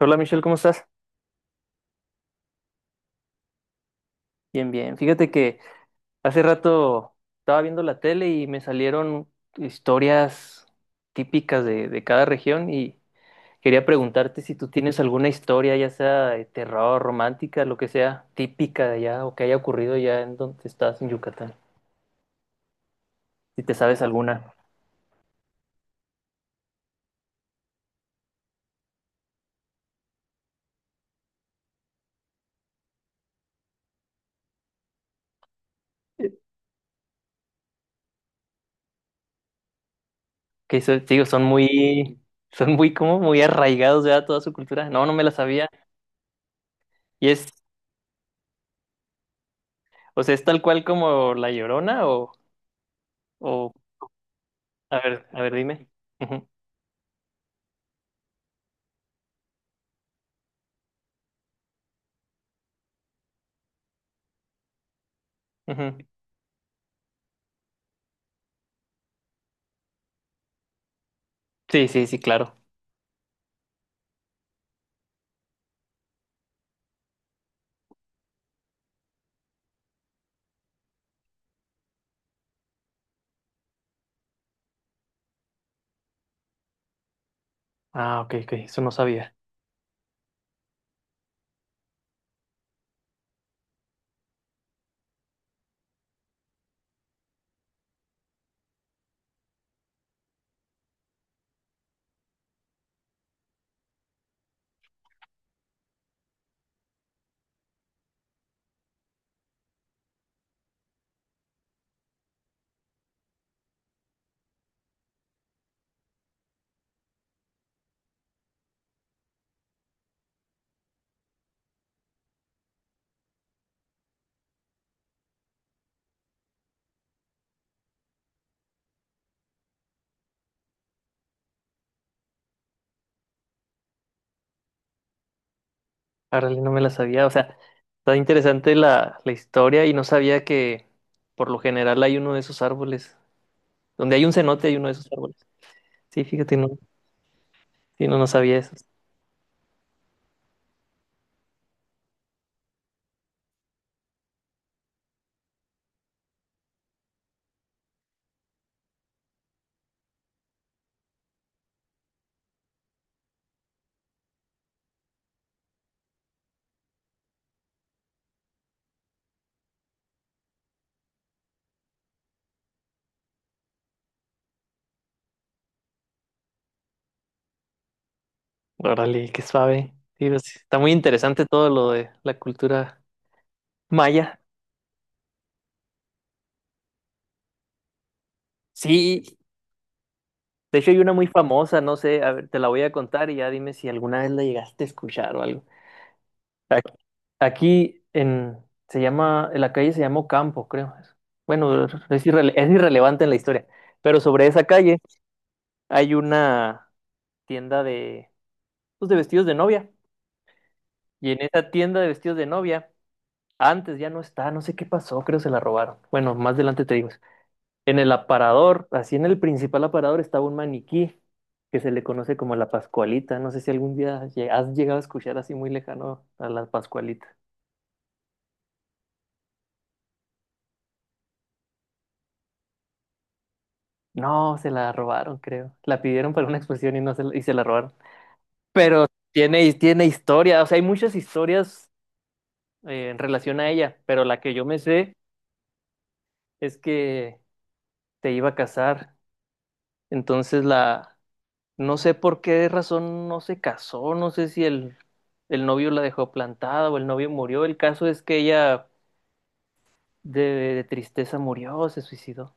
Hola Michelle, ¿cómo estás? Bien, bien. Fíjate que hace rato estaba viendo la tele y me salieron historias típicas de cada región y quería preguntarte si tú tienes alguna historia, ya sea de terror, romántica, lo que sea, típica de allá o que haya ocurrido ya en donde estás, en Yucatán. Si te sabes alguna. Eh, Te digo, son muy como muy arraigados ya a toda su cultura. No, no me la sabía. Y es, o sea, es tal cual como La Llorona o, a ver, dime. Ujú. Sí, sí, sí, claro. Ah, ok, ok, eso no sabía. Ahora no me la sabía. O sea, está interesante la historia y no sabía que por lo general hay uno de esos árboles. Donde hay un cenote hay uno de esos árboles. Sí, fíjate, no, sí, no, no sabía eso. Órale, qué suave. Sí, pues, está muy interesante todo lo de la cultura maya. Sí, de hecho hay una muy famosa, no sé, a ver, te la voy a contar y ya dime si alguna vez la llegaste a escuchar o algo. Ac- Aquí en se llama, en la calle se llamó Campo, creo. Bueno, es irrelevante en la historia. Pero sobre esa calle hay una tienda de, pues, de vestidos de novia. Y en esa tienda de vestidos de novia, antes ya no está, no sé qué pasó, creo se la robaron. Bueno, más adelante te digo eso. En el aparador, así en el principal aparador, estaba un maniquí que se le conoce como la Pascualita. No sé si algún día has llegado a escuchar así muy lejano a la Pascualita. No, se la robaron, creo. La pidieron para una exposición y no se y se la robaron. Pero tiene, tiene historia, o sea, hay muchas historias en relación a ella, pero la que yo me sé es que se iba a casar. Entonces no sé por qué razón no se casó, no sé si el novio la dejó plantada o el novio murió. El caso es que ella de, de tristeza murió, se suicidó.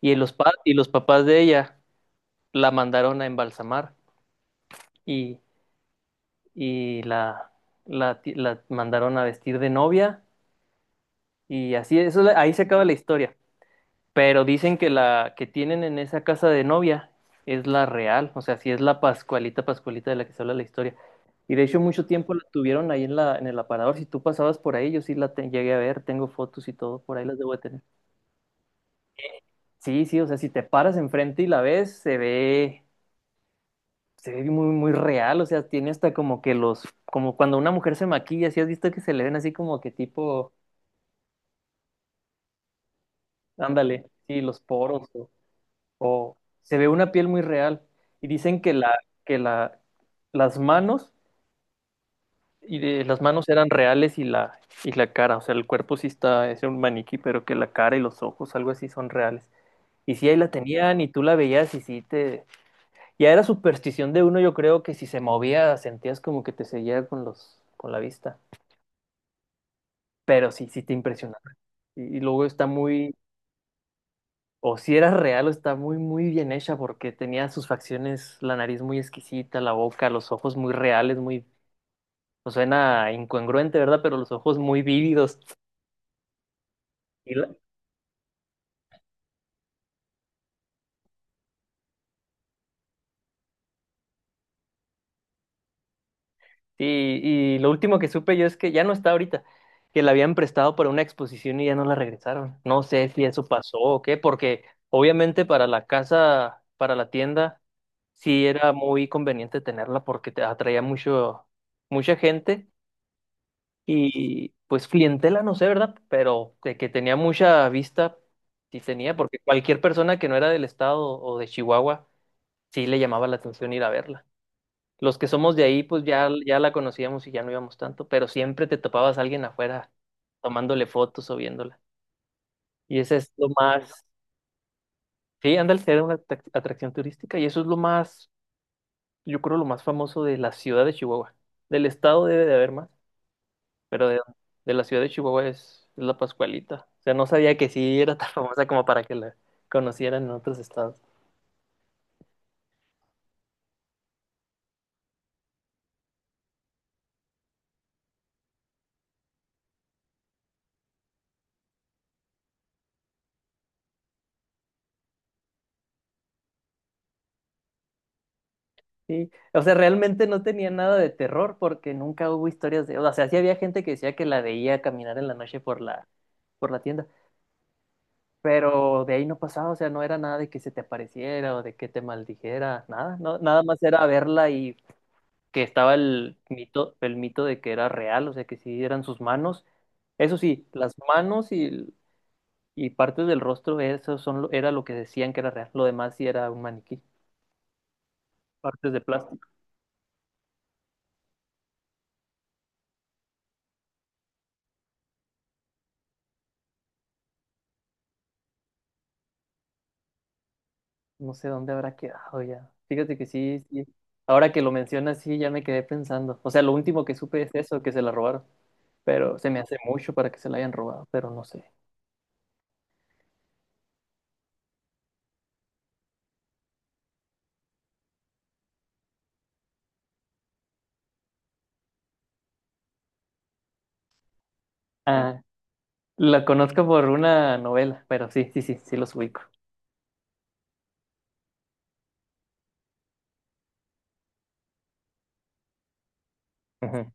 Y y los papás de ella la mandaron a embalsamar. Y y la, la mandaron a vestir de novia y así, eso, ahí se acaba la historia. Pero dicen que la que tienen en esa casa de novia es la real, o sea, sí es la Pascualita, Pascualita de la que se habla la historia. Y de hecho mucho tiempo la tuvieron ahí en en el aparador. Si tú pasabas por ahí, yo sí llegué a ver, tengo fotos y todo, por ahí las debo de tener. Sí, sí, o sea, si te paras enfrente y la ves, se ve muy, muy real, o sea, tiene hasta como que los, como cuando una mujer se maquilla, si has visto que se le ven así como que tipo Ándale, sí, los poros o se ve una piel muy real. Y dicen que que la, las manos las manos eran reales y y la cara, o sea, el cuerpo sí está, es un maniquí, pero que la cara y los ojos, algo así, son reales. Y sí, ahí la tenían y tú la veías y sí te... Ya era superstición de uno, yo creo que si se movía sentías como que te seguía con los, con la vista. Pero sí, sí te impresionaba. Y luego está muy, o si era real o está muy, muy bien hecha porque tenía sus facciones, la nariz muy exquisita, la boca, los ojos muy reales, muy... O suena incongruente, ¿verdad? Pero los ojos muy vívidos. Y, la- y, y lo último que supe yo es que ya no está ahorita, que la habían prestado para una exposición y ya no la regresaron. No sé si eso pasó o qué, porque obviamente para la casa, para la tienda, sí era muy conveniente tenerla porque te atraía mucho, mucha gente. Y pues clientela, no sé, ¿verdad? Pero de que tenía mucha vista, sí tenía, porque cualquier persona que no era del estado o de Chihuahua, sí le llamaba la atención ir a verla. Los que somos de ahí, pues ya, ya la conocíamos y ya no íbamos tanto, pero siempre te topabas a alguien afuera tomándole fotos o viéndola. Y ese es lo más, sí, ándale, era una atracción turística y eso es lo más, yo creo, lo más famoso de la ciudad de Chihuahua. Del estado debe de haber más, pero de la ciudad de Chihuahua es la Pascualita. O sea, no sabía que sí era tan famosa como para que la conocieran en otros estados. Sí, o sea, realmente no tenía nada de terror porque nunca hubo historias de... O sea, sí había gente que decía que la veía caminar en la noche por por la tienda, pero de ahí no pasaba, o sea, no era nada de que se te apareciera o de que te maldijera, nada, no, nada más era verla y que estaba el mito de que era real, o sea, que sí eran sus manos. Eso sí, las manos. Y partes del rostro, eso son, era lo que decían que era real. Lo demás sí era un maniquí. Partes de plástico. No sé dónde habrá quedado ya. Fíjate que sí, sí. Ahora que lo mencionas, sí, ya me quedé pensando. O sea, lo último que supe es eso, que se la robaron. Pero se me hace mucho para que se la hayan robado, pero no sé. Ah, la conozco por una novela, pero sí, sí, sí, sí los ubico. Ujú.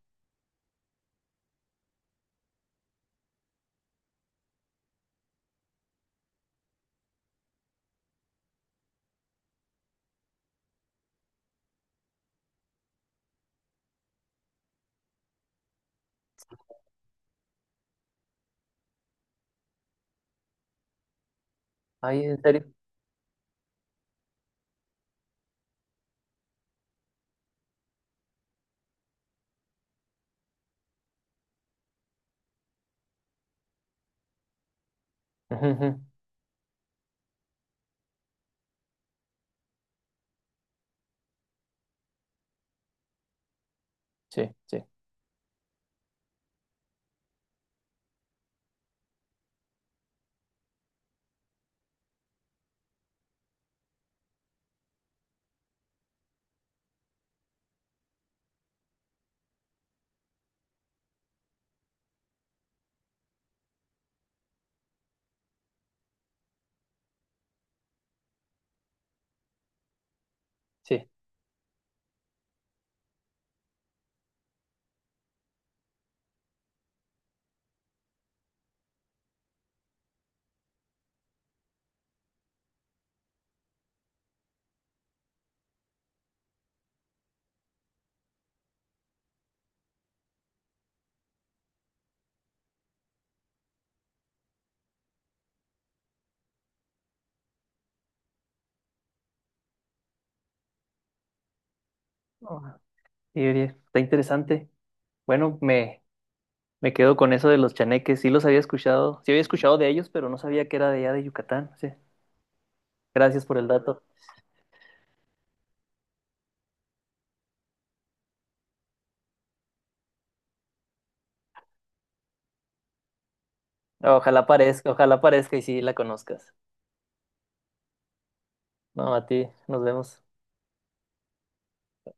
Ay, ¿en serio? Ujú, ujú. Sí, sí, sí. Ah, sí, Uriel, está interesante. Bueno, me, Me quedo con eso de los chaneques. Sí los había escuchado. Sí había escuchado de ellos, pero no sabía que era de allá de Yucatán. Sí. Gracias por el dato. Ojalá parezca y sí la conozcas. No, a ti. Nos vemos.